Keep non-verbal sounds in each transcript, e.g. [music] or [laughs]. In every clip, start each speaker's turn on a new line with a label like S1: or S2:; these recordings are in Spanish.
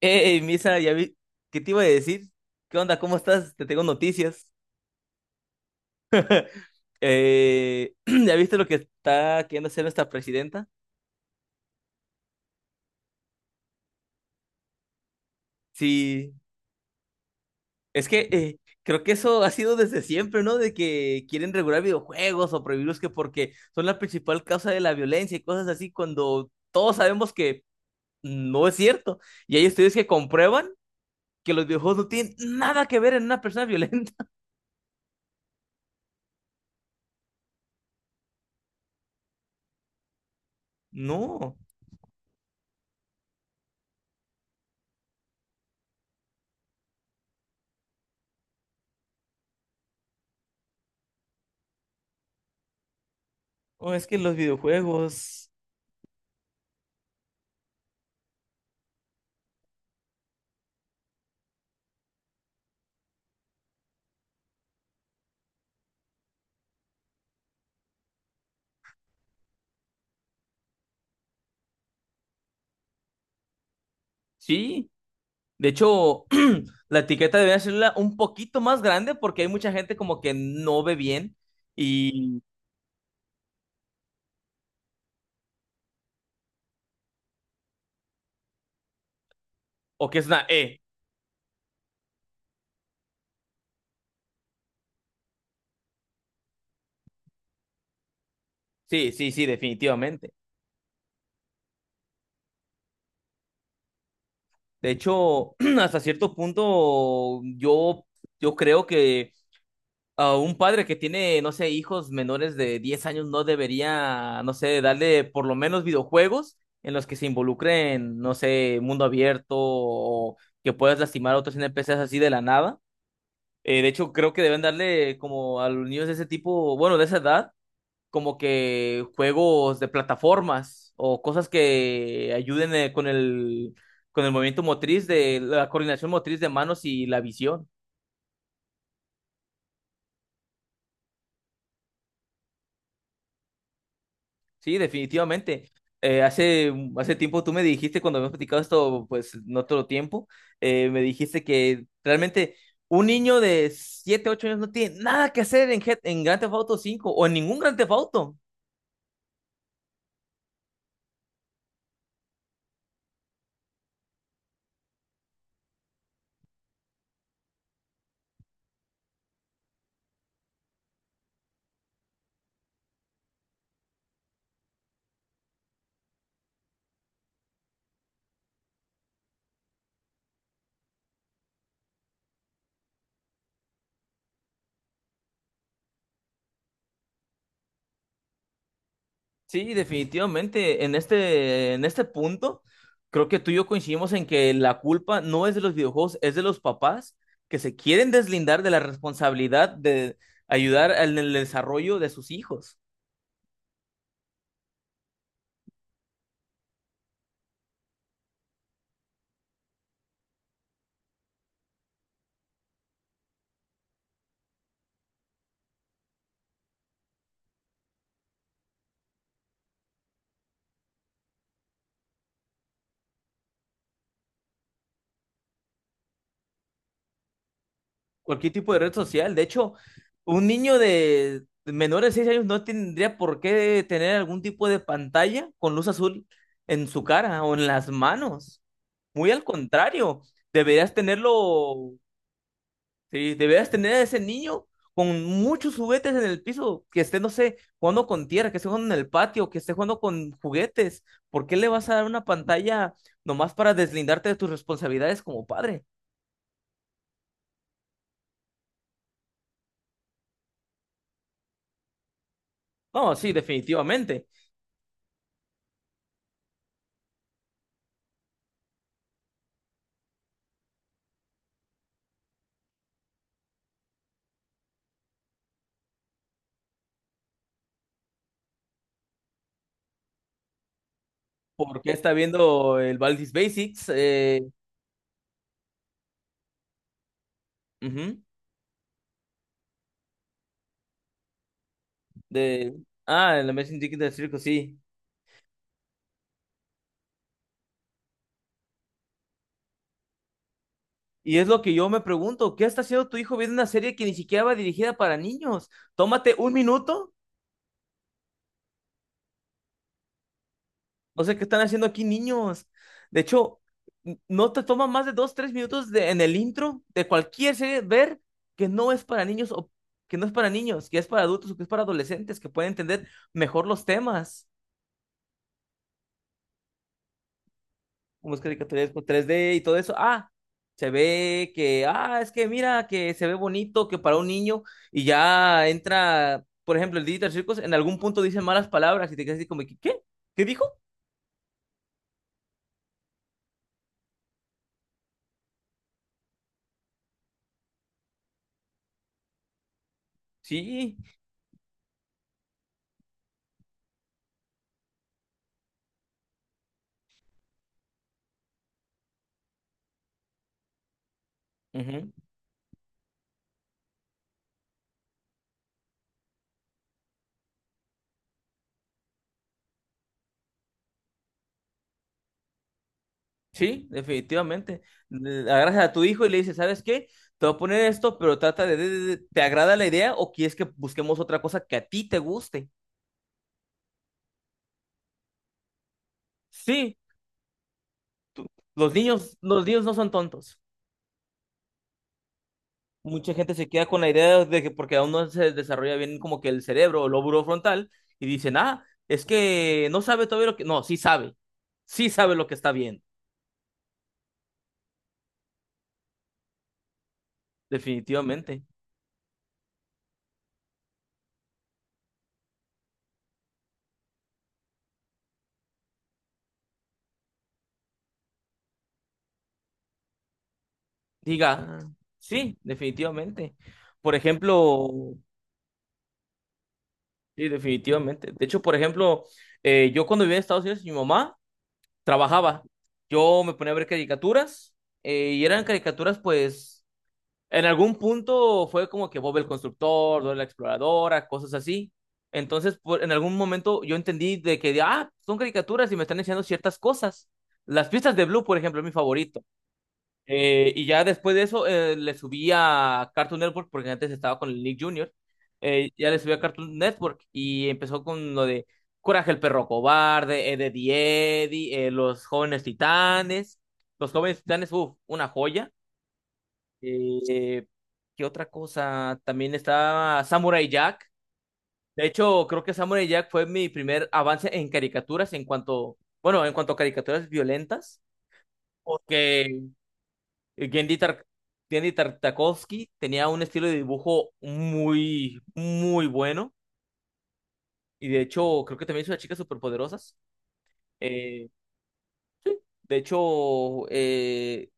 S1: Hey, Misa, ya vi, ¿qué te iba a decir? ¿Qué onda? ¿Cómo estás? Te tengo noticias. [clears throat] ¿Ya viste lo que está queriendo hacer nuestra presidenta? Sí, es que creo que eso ha sido desde siempre, ¿no? De que quieren regular videojuegos o prohibirlos que porque son la principal causa de la violencia y cosas así, cuando todos sabemos que no es cierto. Y hay estudios que comprueban que los videojuegos no tienen nada que ver en una persona violenta. [laughs] No, oh, es que los videojuegos... Sí. De hecho, [clears throat] la etiqueta debería ser un poquito más grande porque hay mucha gente como que no ve bien y o que es una E. Sí, sí, sí, definitivamente. De hecho, [clears throat] hasta cierto punto yo creo que a un padre que tiene, no sé, hijos menores de 10 años no debería, no sé, darle por lo menos videojuegos en los que se involucren, no sé, mundo abierto o que puedas lastimar a otros NPCs así de la nada. De hecho, creo que deben darle como a los niños de ese tipo, bueno, de esa edad, como que juegos de plataformas o cosas que ayuden con con el movimiento motriz, de la coordinación motriz de manos y la visión. Sí, definitivamente. Hace tiempo tú me dijiste, cuando habíamos platicado esto, pues en otro tiempo, me dijiste que realmente un niño de 7 u 8 años no tiene nada que hacer en, en Grand Theft Auto 5 o en ningún Grand Theft Auto. Sí, definitivamente. En en este punto, creo que tú y yo coincidimos en que la culpa no es de los videojuegos, es de los papás que se quieren deslindar de la responsabilidad de ayudar en el desarrollo de sus hijos. Cualquier tipo de red social. De hecho, un niño de menor de 6 años no tendría por qué tener algún tipo de pantalla con luz azul en su cara o en las manos. Muy al contrario, deberías tenerlo. Sí, deberías tener a ese niño con muchos juguetes en el piso, que esté, no sé, jugando con tierra, que esté jugando en el patio, que esté jugando con juguetes. ¿Por qué le vas a dar una pantalla nomás para deslindarte de tus responsabilidades como padre? No, sí, definitivamente. Porque está viendo el Baldi's Basics, ujú, de... Ah, el Amazing Dick del Circo, sí. Y es lo que yo me pregunto, ¿qué está haciendo tu hijo viendo una serie que ni siquiera va dirigida para niños? Tómate un minuto. O sea, ¿qué están haciendo aquí niños? De hecho, no te toma más de 2, 3 minutos en el intro de cualquier serie ver que no es para niños o que no es para niños, que es para adultos o que es para adolescentes, que pueden entender mejor los temas, como es caricaturas con 3D y todo eso. Ah, se ve que, ah, es que mira, que se ve bonito, que para un niño y ya entra, por ejemplo, el Digital Circus, en algún punto dice malas palabras y te quedas así como, que, ¿qué? ¿Qué dijo? Sí. Ujú. Sí, definitivamente. Le Agarras a tu hijo y le dices, ¿sabes qué? Te voy a poner esto, pero trata de ¿te agrada la idea o quieres que busquemos otra cosa que a ti te guste? Sí, los niños no son tontos. Mucha gente se queda con la idea de que porque aún no se desarrolla bien como que el cerebro o lóbulo frontal y dicen, ah, es que no sabe todavía lo que... No, sí sabe lo que está bien, definitivamente. Diga, sí, definitivamente. Por ejemplo... Sí, definitivamente. De hecho, por ejemplo, yo cuando vivía en Estados Unidos, mi mamá trabajaba. Yo me ponía a ver caricaturas y eran caricaturas, pues, en algún punto fue como que Bob el Constructor, Dora la Exploradora, cosas así. Entonces, en algún momento yo entendí de que, ah, son caricaturas y me están enseñando ciertas cosas. Las pistas de Blue, por ejemplo, es mi favorito. Y ya después de eso le subí a Cartoon Network porque antes estaba con el Nick Jr. Ya le subí a Cartoon Network y empezó con lo de Coraje el perro cobarde, Ed, Eddie, Los jóvenes titanes. Los jóvenes titanes, uff, una joya. Eh, ¿Qué otra cosa? También estaba Samurai Jack. De hecho, creo que Samurai Jack fue mi primer avance en caricaturas en cuanto, bueno, en cuanto a caricaturas violentas. Porque eh, Gendy, Tar- Gendy Tartakovsky tenía un estilo de dibujo muy, muy bueno. Y de hecho, creo que también hizo las chicas superpoderosas. Eh, de hecho,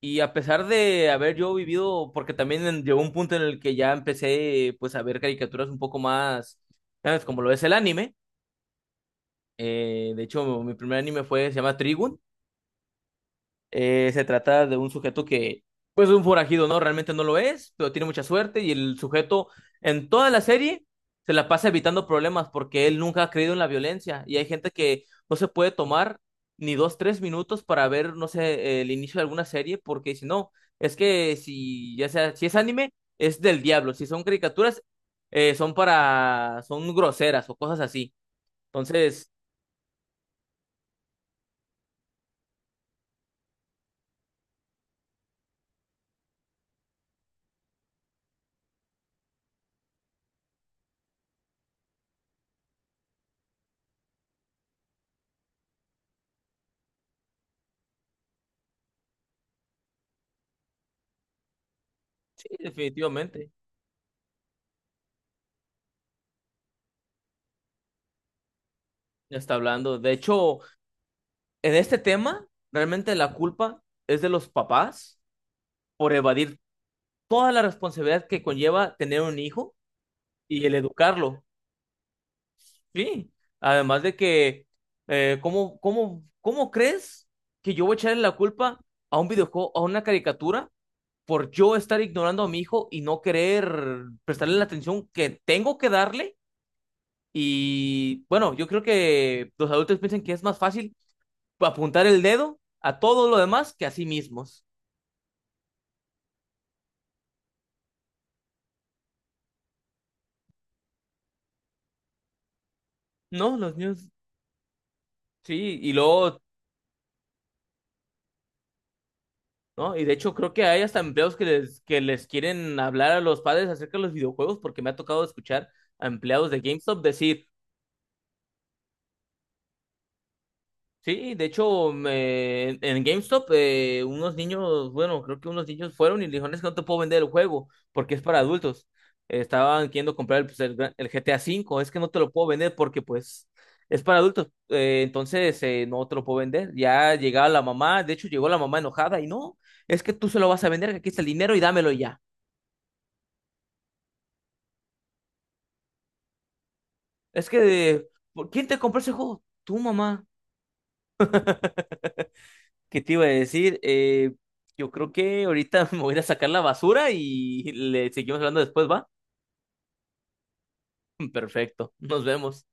S1: y a pesar de haber yo vivido, porque también llegó un punto en el que ya empecé pues a ver caricaturas un poco más, ¿sabes? Como lo es el anime. De hecho, mi primer anime fue, se llama Trigun. Se trata de un sujeto que, pues, es un forajido, ¿no? Realmente no lo es, pero tiene mucha suerte y el sujeto en toda la serie se la pasa evitando problemas porque él nunca ha creído en la violencia y hay gente que no se puede tomar ni 2, 3 minutos para ver, no sé, el inicio de alguna serie porque dice, no, es que si, ya sea, si es anime, es del diablo, si son caricaturas, son para, son groseras o cosas así. Entonces, sí, definitivamente, ya está hablando. De hecho... En este tema, realmente la culpa es de los papás por evadir toda la responsabilidad que conlleva tener un hijo y el educarlo. Sí, además de que, ¿cómo crees que yo voy a echarle la culpa a un videojuego, a una caricatura, por yo estar ignorando a mi hijo y no querer prestarle la atención que tengo que darle? Y bueno, yo creo que los adultos piensan que es más fácil apuntar el dedo a todo lo demás que a sí mismos. No, los niños, sí, y luego, ¿no? Y de hecho creo que hay hasta empleados que les quieren hablar a los padres acerca de los videojuegos, porque me ha tocado escuchar a empleados de GameStop decir, sí, de hecho, en GameStop, unos niños, bueno, creo que unos niños fueron y le dijeron, es que no te puedo vender el juego porque es para adultos. Estaban queriendo comprar el, pues, el GTA V, es que no te lo puedo vender porque pues es para adultos. No te lo puedo vender. Ya llegaba la mamá, de hecho llegó la mamá enojada y no, es que tú se lo vas a vender, que aquí está el dinero y dámelo ya. Es que, ¿quién te compró ese juego? Tu mamá. ¿Qué te iba a decir? Yo creo que ahorita [laughs] me voy a ir a sacar la basura y le seguimos hablando después, ¿va? [laughs] Perfecto, nos vemos.